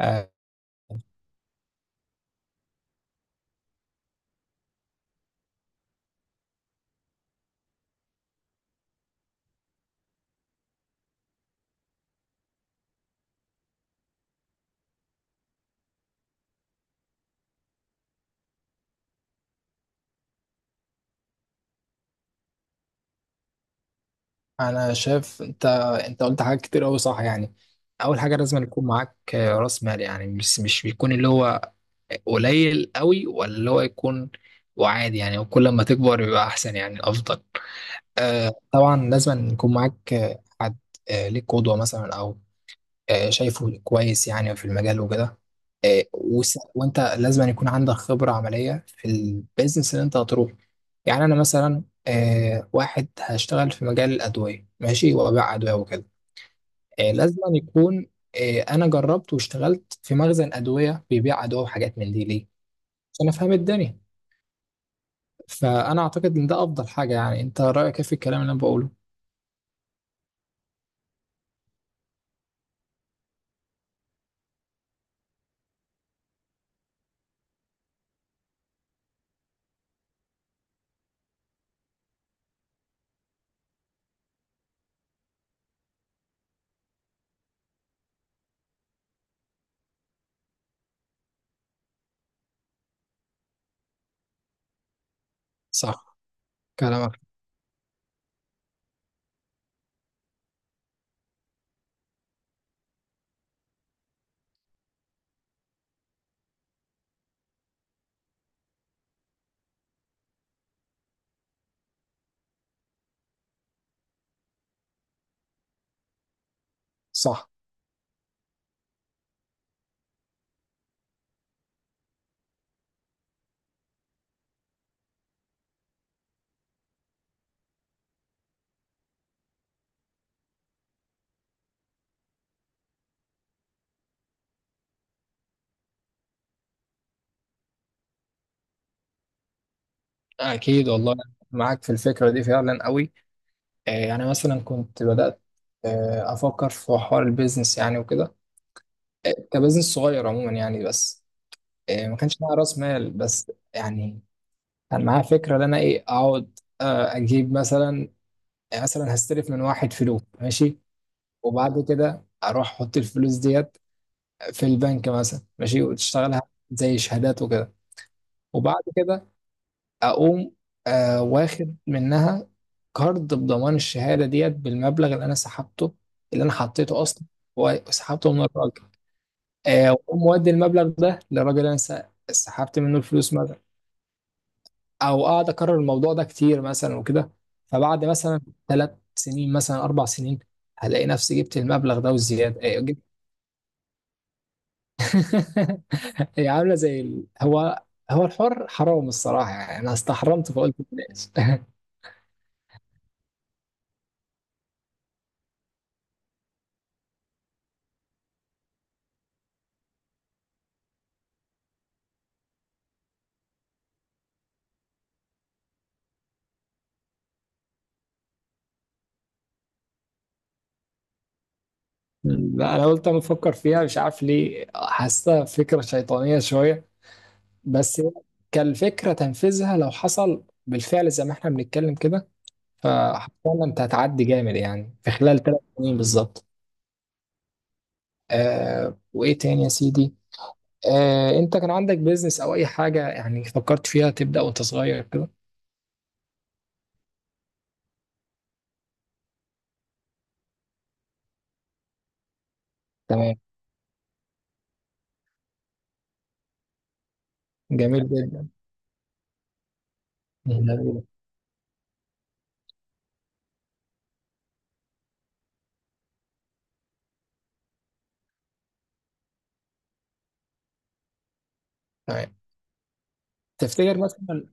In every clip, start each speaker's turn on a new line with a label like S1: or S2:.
S1: آه، انا شايف انت قلت حاجات كتير قوي، صح يعني. اول حاجه لازم يكون معاك راس مال، يعني مش بيكون اللي هو قليل قوي ولا اللي هو يكون وعادي يعني، وكل ما تكبر يبقى احسن يعني افضل. طبعا لازم يكون معاك حد ليك قدوه مثلا، او شايفه كويس يعني في المجال وكده. وانت لازم أن يكون عندك خبرة عملية في البيزنس اللي انت هتروح. يعني انا مثلا واحد هشتغل في مجال الأدوية، ماشي، وأبيع أدوية وكده. لازم أن يكون. انا جربت واشتغلت في مخزن أدوية بيبيع أدوية وحاجات من دي، ليه؟ عشان افهم الدنيا. فانا اعتقد ان ده افضل حاجة. يعني انت رأيك إيه في الكلام اللي انا بقوله؟ صح. كلامك صح. اكيد والله، معاك في الفكرة دي فعلا قوي. يعني مثلا كنت بدأت أفكر في حوار البيزنس يعني وكده، كبزنس صغير عموما يعني. بس ما كانش معايا رأس مال، بس يعني كان معايا فكرة، إن أنا إيه، أقعد أجيب مثلا، يعني مثلا هستلف من واحد فلوس، ماشي، وبعد كده أروح أحط الفلوس ديت في البنك مثلا، ماشي، وتشتغلها زي شهادات وكده. وبعد كده اقوم واخد منها كارد بضمان الشهاده ديت بالمبلغ اللي انا سحبته، اللي انا حطيته اصلا، وسحبته من الراجل. واقوم مودي المبلغ ده للراجل اللي انا سحبت منه الفلوس مثلا، او اقعد اكرر الموضوع ده كتير مثلا وكده. فبعد مثلا 3 سنين مثلا، 4 سنين، هلاقي نفسي جبت المبلغ ده والزياده. جبت. هي عامله زي هو الحر حرام الصراحه، يعني انا استحرمت فقلت بلاش. لا، انا قلت انا بفكر فيها مش عارف ليه، حاسه فكره شيطانيه شويه. بس هي كالفكره، تنفيذها لو حصل بالفعل زي ما احنا بنتكلم كده، فحرفيا انت هتعدي جامد يعني في خلال 3 سنين بالظبط. وايه تاني يا سيدي؟ انت كان عندك بيزنس او اي حاجه يعني فكرت فيها تبدا وانت صغير كده؟ تمام. جميل جدا. جميل. تمام. تفتكر مثلا،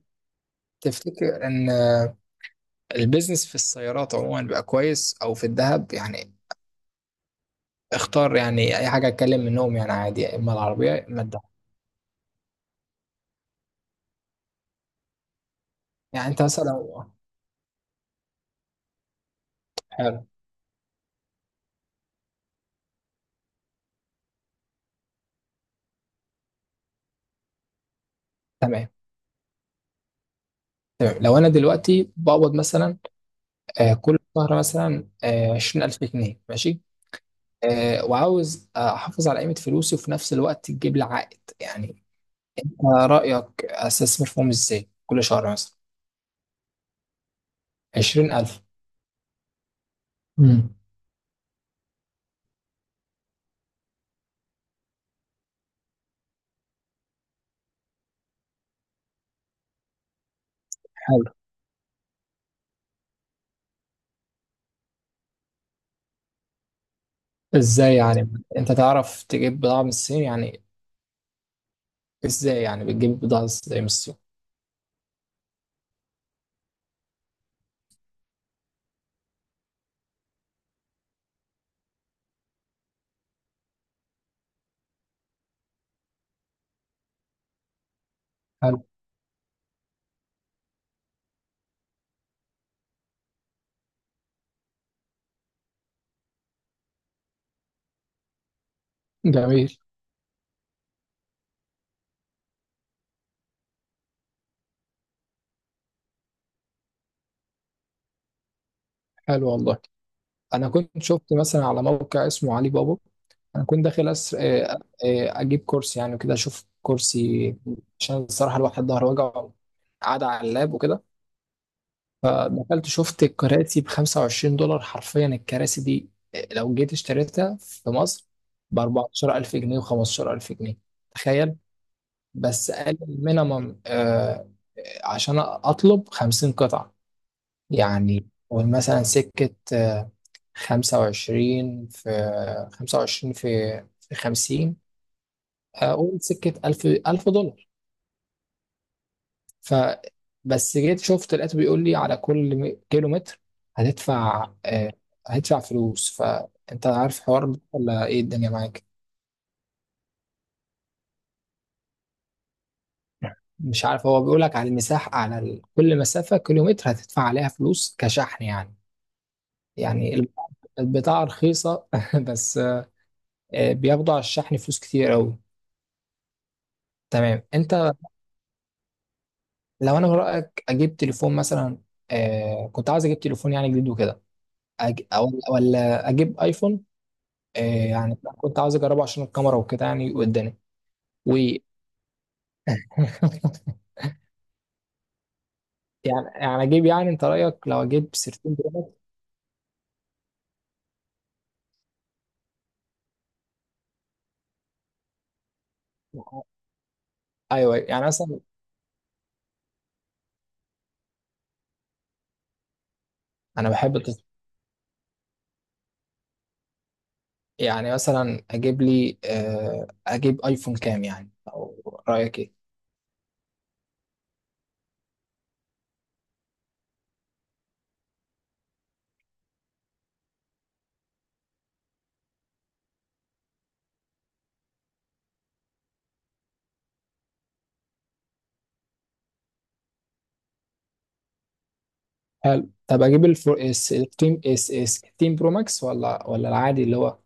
S1: تفتكر ان البيزنس في السيارات عموما بقى كويس، او في الذهب يعني؟ اختار يعني اي حاجه اتكلم منهم يعني، عادي، يا اما العربيه يا اما الدهب. يعني انت مثلا لو- حلو. تمام. تمام، لو انا دلوقتي بقبض مثلا كل شهر مثلا 20000 جنيه، ماشي، وعاوز احافظ على قيمه فلوسي وفي نفس الوقت تجيب لي عائد يعني. أنت رايك استثمر فيهم ازاي كل شهر مثلا؟ 20000. امم. حلو. ازاي يعني انت تعرف تجيب بضاعه من الصين يعني؟ ازاي يعني بتجيب بضاعه ازاي من الصين؟ حلو. جميل. حلو والله. انا كنت شفت مثلا على موقع اسمه علي بابا. انا كنت داخل أسر... آه، آه، اجيب كرسي يعني وكده، اشوف كرسي عشان الصراحه الواحد ظهره وجعه قاعد على اللاب وكده. دخلت شفت الكراسي ب 25 دولار حرفيا، الكراسي دي لو جيت اشتريتها في مصر ب 14000 جنيه و15000 جنيه، تخيل. بس قال المينيمم عشان اطلب 50 قطعه. يعني قول مثلا سكة 25 في 25 في 50، أقول سكة ألف ألف دولار. ف بس جيت شفت لقيته بيقول لي على كل كيلو متر هتدفع، هتدفع فلوس. فأنت عارف حوار ده ولا إيه الدنيا معاك؟ مش عارف، هو بيقول لك على المساحة، على كل مسافة كيلومتر هتدفع عليها فلوس كشحن يعني. يعني البضاعة رخيصة، بس بياخدوا على الشحن فلوس كتير أوي. تمام. لو انا، من رايك اجيب تليفون مثلا؟ كنت عاوز اجيب تليفون يعني جديد وكده. او ولا اجيب ايفون؟ آه يعني كنت عاوز اجربه عشان الكاميرا وكده يعني قدامي. و يعني اجيب، يعني انت رايك لو اجيب 13 برو ماكس؟ ايوه يعني مثلا. انا بحب التص- يعني مثلا اجيب لي، اجيب ايفون كام يعني، او رايك ايه؟ حلو. طب اجيب ال 14، ال 16 برو ماكس، ولا العادي اللي هو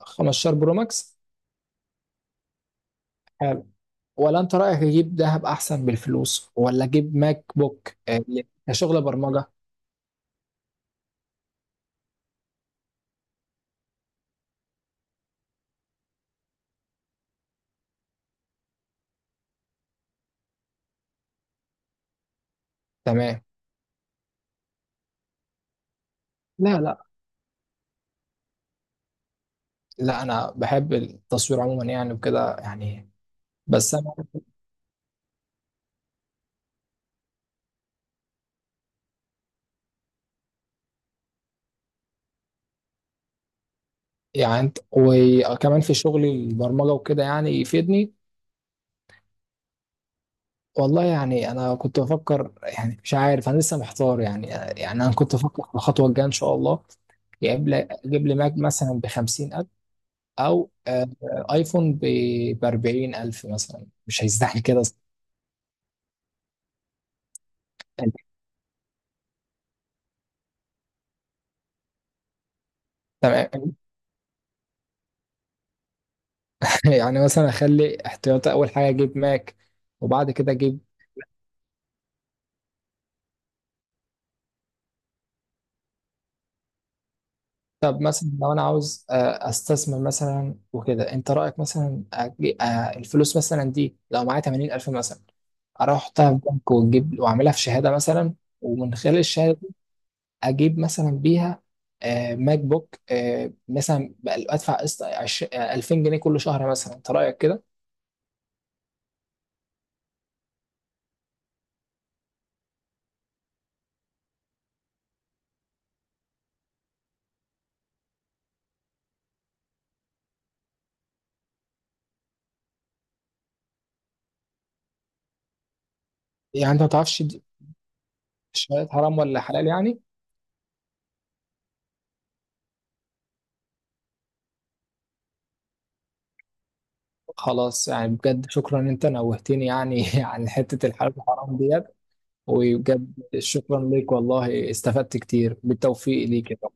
S1: 15 برو ماكس؟ حلو. ولا انت رايك اجيب ذهب احسن بالفلوس، ولا اجيب ماك بوك كشغل برمجه؟ تمام. لا لا لا، انا بحب التصوير عموما يعني وكده يعني. بس انا يعني انت، وكمان في شغلي البرمجه وكده يعني يفيدني. والله يعني انا كنت بفكر، يعني مش عارف انا لسه محتار يعني. يعني انا كنت بفكر في الخطوه الجايه ان شاء الله. يجيب لي اجيب لي ماك مثلا ب 50000، او ايفون ب 40000 مثلا، مش هيستحمل كده. تمام. يعني مثلا اخلي احتياطي، اول حاجه اجيب ماك وبعد كده اجيب. طب مثلا لو انا عاوز استثمر مثلا وكده، انت رايك مثلا، الفلوس مثلا دي لو معايا 80 الف مثلا، اروح احطها في بنك واجيب واعملها في شهاده مثلا. ومن خلال الشهاده دي اجيب مثلا بيها ماك بوك، مثلا ادفع قسط 2000 جنيه كل شهر مثلا، انت رايك كده؟ يعني انت ما تعرفش دي، الشهادات حرام ولا حلال يعني؟ خلاص، يعني بجد شكرا ان انت نوهتني يعني عن حتة الحلال الحرام ديت. وبجد شكرا ليك والله، استفدت كتير، بالتوفيق ليك.